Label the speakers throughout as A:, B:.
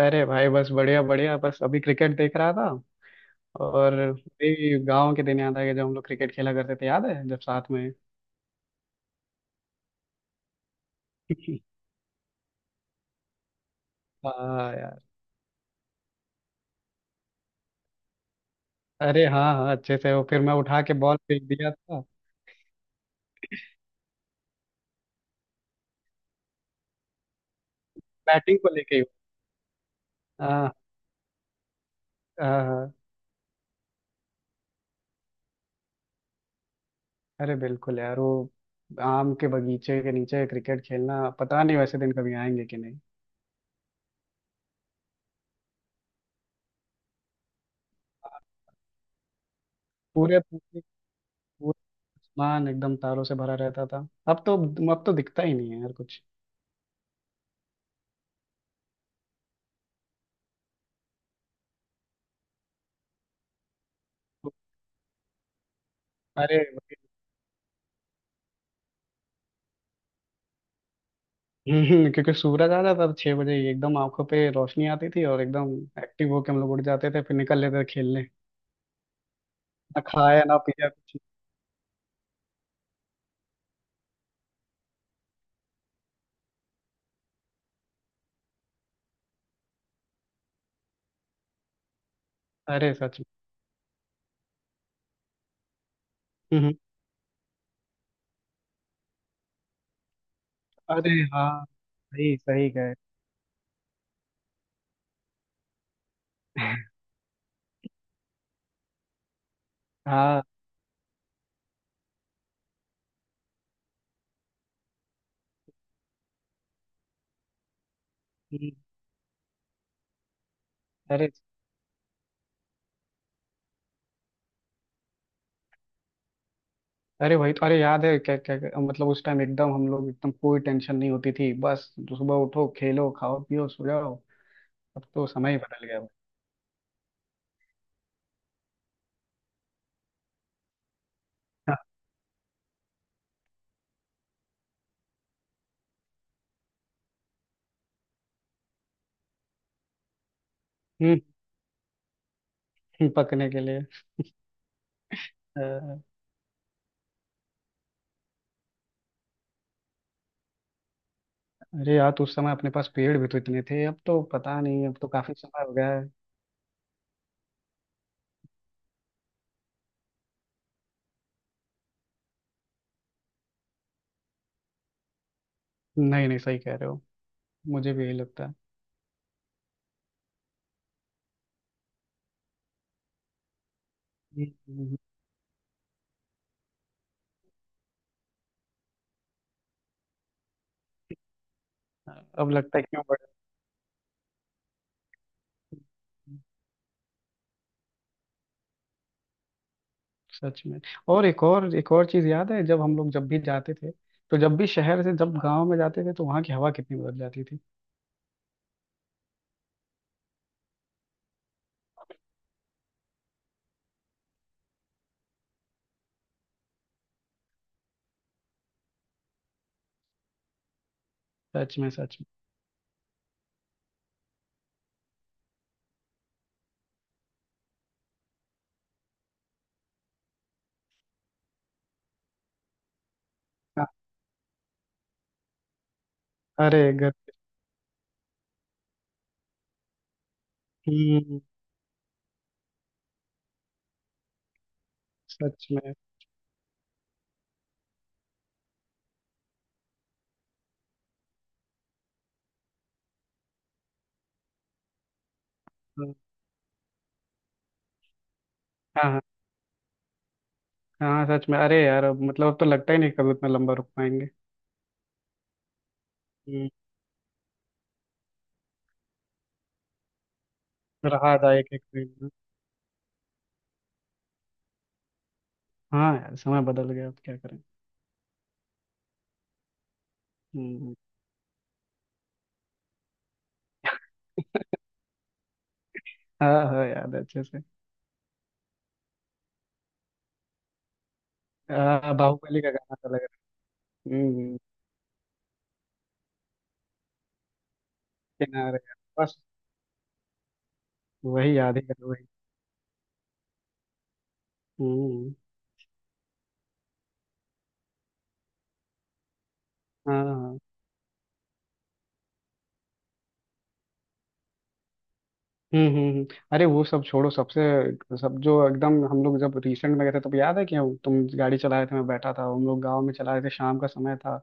A: अरे भाई, बस बढ़िया बढ़िया। बस अभी क्रिकेट देख रहा था, और वही गांव के दिन याद आ गया जब हम लोग क्रिकेट खेला करते थे। याद है जब साथ में हाँ यार। अरे हाँ हाँ, अच्छे से। वो फिर मैं उठा के बॉल फेंक दिया था। बैटिंग को लेके ही। हाँ हाँ हाँ। अरे बिल्कुल यार, वो आम के बगीचे के नीचे क्रिकेट खेलना। पता नहीं वैसे दिन कभी आएंगे कि नहीं। पूरे पूरे पूरे आसमान एकदम तारों से भरा रहता था। अब तो दिखता ही नहीं है यार कुछ। अरे क्योंकि सूरज आ जाता था छह बजे ही, एकदम आंखों पे रोशनी आती थी और एकदम एक्टिव होके हम लोग उठ जाते थे, फिर निकल लेते थे खेलने। ना खाया ना पिया कुछ। अरे सच में। अरे हाँ। सही सही कहे। हाँ। हम्म, अरे अरे वही तो। अरे याद है, क्या क्या क्या- मतलब उस टाइम एकदम हम लोग एकदम कोई टेंशन नहीं होती थी। बस सुबह उठो, खेलो, खाओ, पियो, सो जाओ। अब तो समय ही बदल गया। हाँ। हम्म पकने के लिए। अ, अरे यार तो उस समय अपने पास पेड़ भी तो इतने थे। अब तो पता नहीं, अब तो काफी समय हो गया है। नहीं नहीं, सही कह रहे हो। मुझे भी यही लगता है। हम्म, अब लगता है क्यों बड़े। सच में। और एक और चीज याद है, जब हम लोग जब भी जाते थे, तो जब भी शहर से जब गांव में जाते थे, तो वहां की हवा कितनी बदल जाती थी। सच में सच में। हाँ, अरे गर। हम्म, सच में। हाँ हाँ। हाँ सच में। अरे यार अब मतलब अब तो लगता ही नहीं कभी उतना लंबा रुक पाएंगे। हम्म, रहा था एक एक मिनट। हाँ यार समय बदल गया, अब क्या करें। हम्म। हाँ हाँ, याद है अच्छे से। हाँ बाहुबली का गाना तो लग रहा है। हम्म, किनारे। बस वही याद ही कर, वही। हम्म। हाँ हाँ। हम्म हम्म हम्म। अरे वो सब छोड़ो। सबसे सब जो एकदम हम लोग जब रिसेंट में गए थे, तब याद है क्यों। तुम गाड़ी चला रहे थे, मैं बैठा था, हम लोग गांव में चला रहे थे। शाम का समय था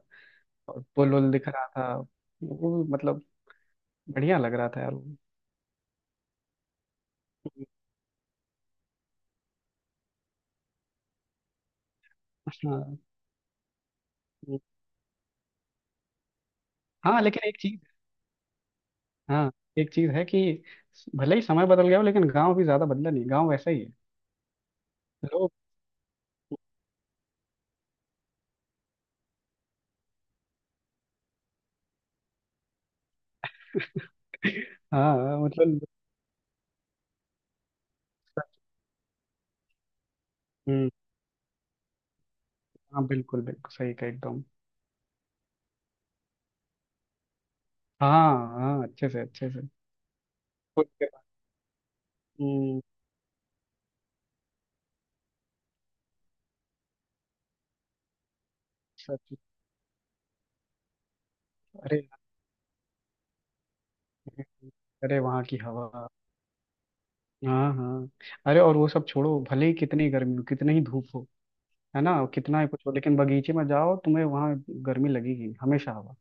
A: और पुल उल दिख रहा था, वो मतलब बढ़िया लग रहा था यार वो। हाँ हाँ, लेकिन एक चीज। हाँ, एक चीज है कि भले ही समय बदल गया हो, लेकिन गांव भी ज्यादा बदला नहीं, गांव वैसा ही है। लोग हाँ मतलब। हम्म, हाँ बिल्कुल बिल्कुल, सही कहा एकदम। हाँ हाँ, अच्छे से अच्छे से। खुद के पास। हम्म। सच। अरे। अरे वहाँ की हवा। हाँ हाँ। अरे और वो सब छोड़ो, भले ही कितनी गर्मी हो, कितनी ही धूप हो, है ना, कितना ही कुछ हो, लेकिन बगीचे में जाओ, तुम्हें वहाँ गर्मी लगेगी, हमेशा हवा।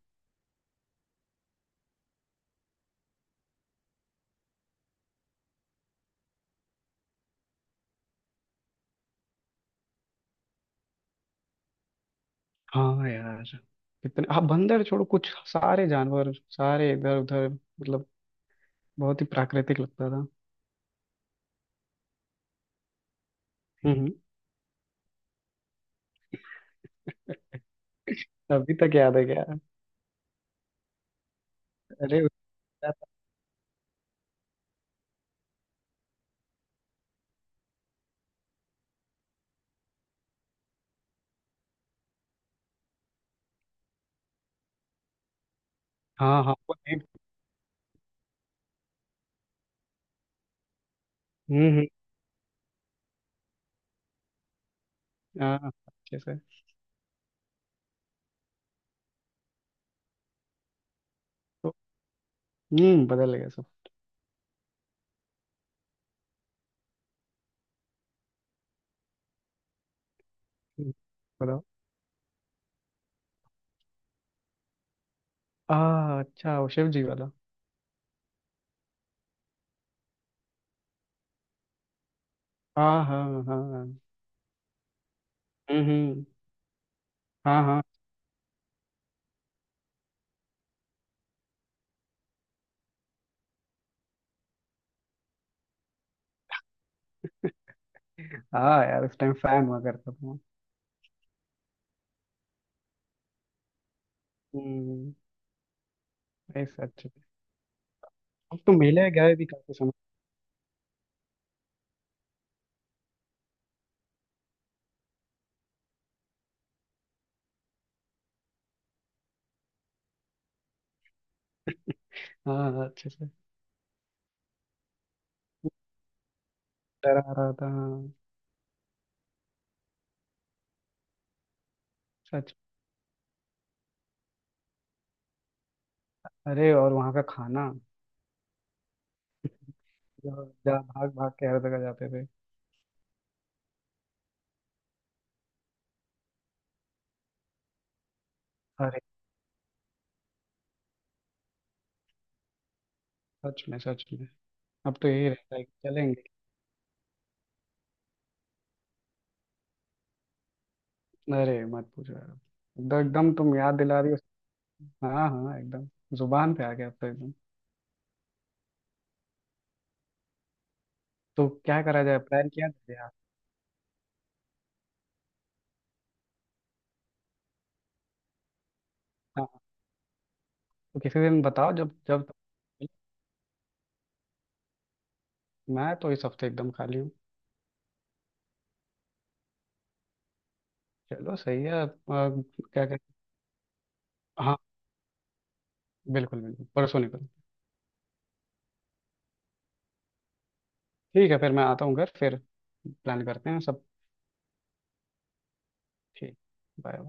A: हाँ यार, कितने, हाँ बंदर छोड़ो, कुछ सारे जानवर सारे इधर उधर मतलब बहुत ही प्राकृतिक लगता था। हम्म हम्म, अभी तक याद है क्या। अरे उसका। हाँ हाँ वो name- हम्म। हाँ, अच्छे से। तो हम्म, बदल गया सब। हम्म, बताओ। आ अच्छा, वो शिव जी वाला। हाँ हाँ हाँ। हम्म हम्म, हाँ हाँ। हाँ यार, उस टाइम फैन हुआ करता था। हम्म। नहीं, सच में। अब तो मेले गए भी काफी समय। हाँ हाँ, अच्छे से। डर आ रहा था हाँ। सच। अरे और वहाँ का खाना, जो जा भाग भाग के हर जगह जाते थे। अरे सच में सच में। अब तो यही रहता है कि चलेंगे। अरे मत पूछो यार, अब तो एकदम तुम याद दिला रही हो। हाँ हाँ एकदम, जुबान पे आ गया अब तो एकदम। तो क्या करा जाए, प्लान किया जाए यार। तो किसी दिन बताओ, जब जब मैं तो इस हफ्ते एकदम खाली हूँ। चलो सही है, क्या कहते। हाँ बिल्कुल बिल्कुल, परसों निकलो। ठीक है फिर, मैं आता हूँ घर, फिर प्लान करते हैं सब। ठीक। बाय।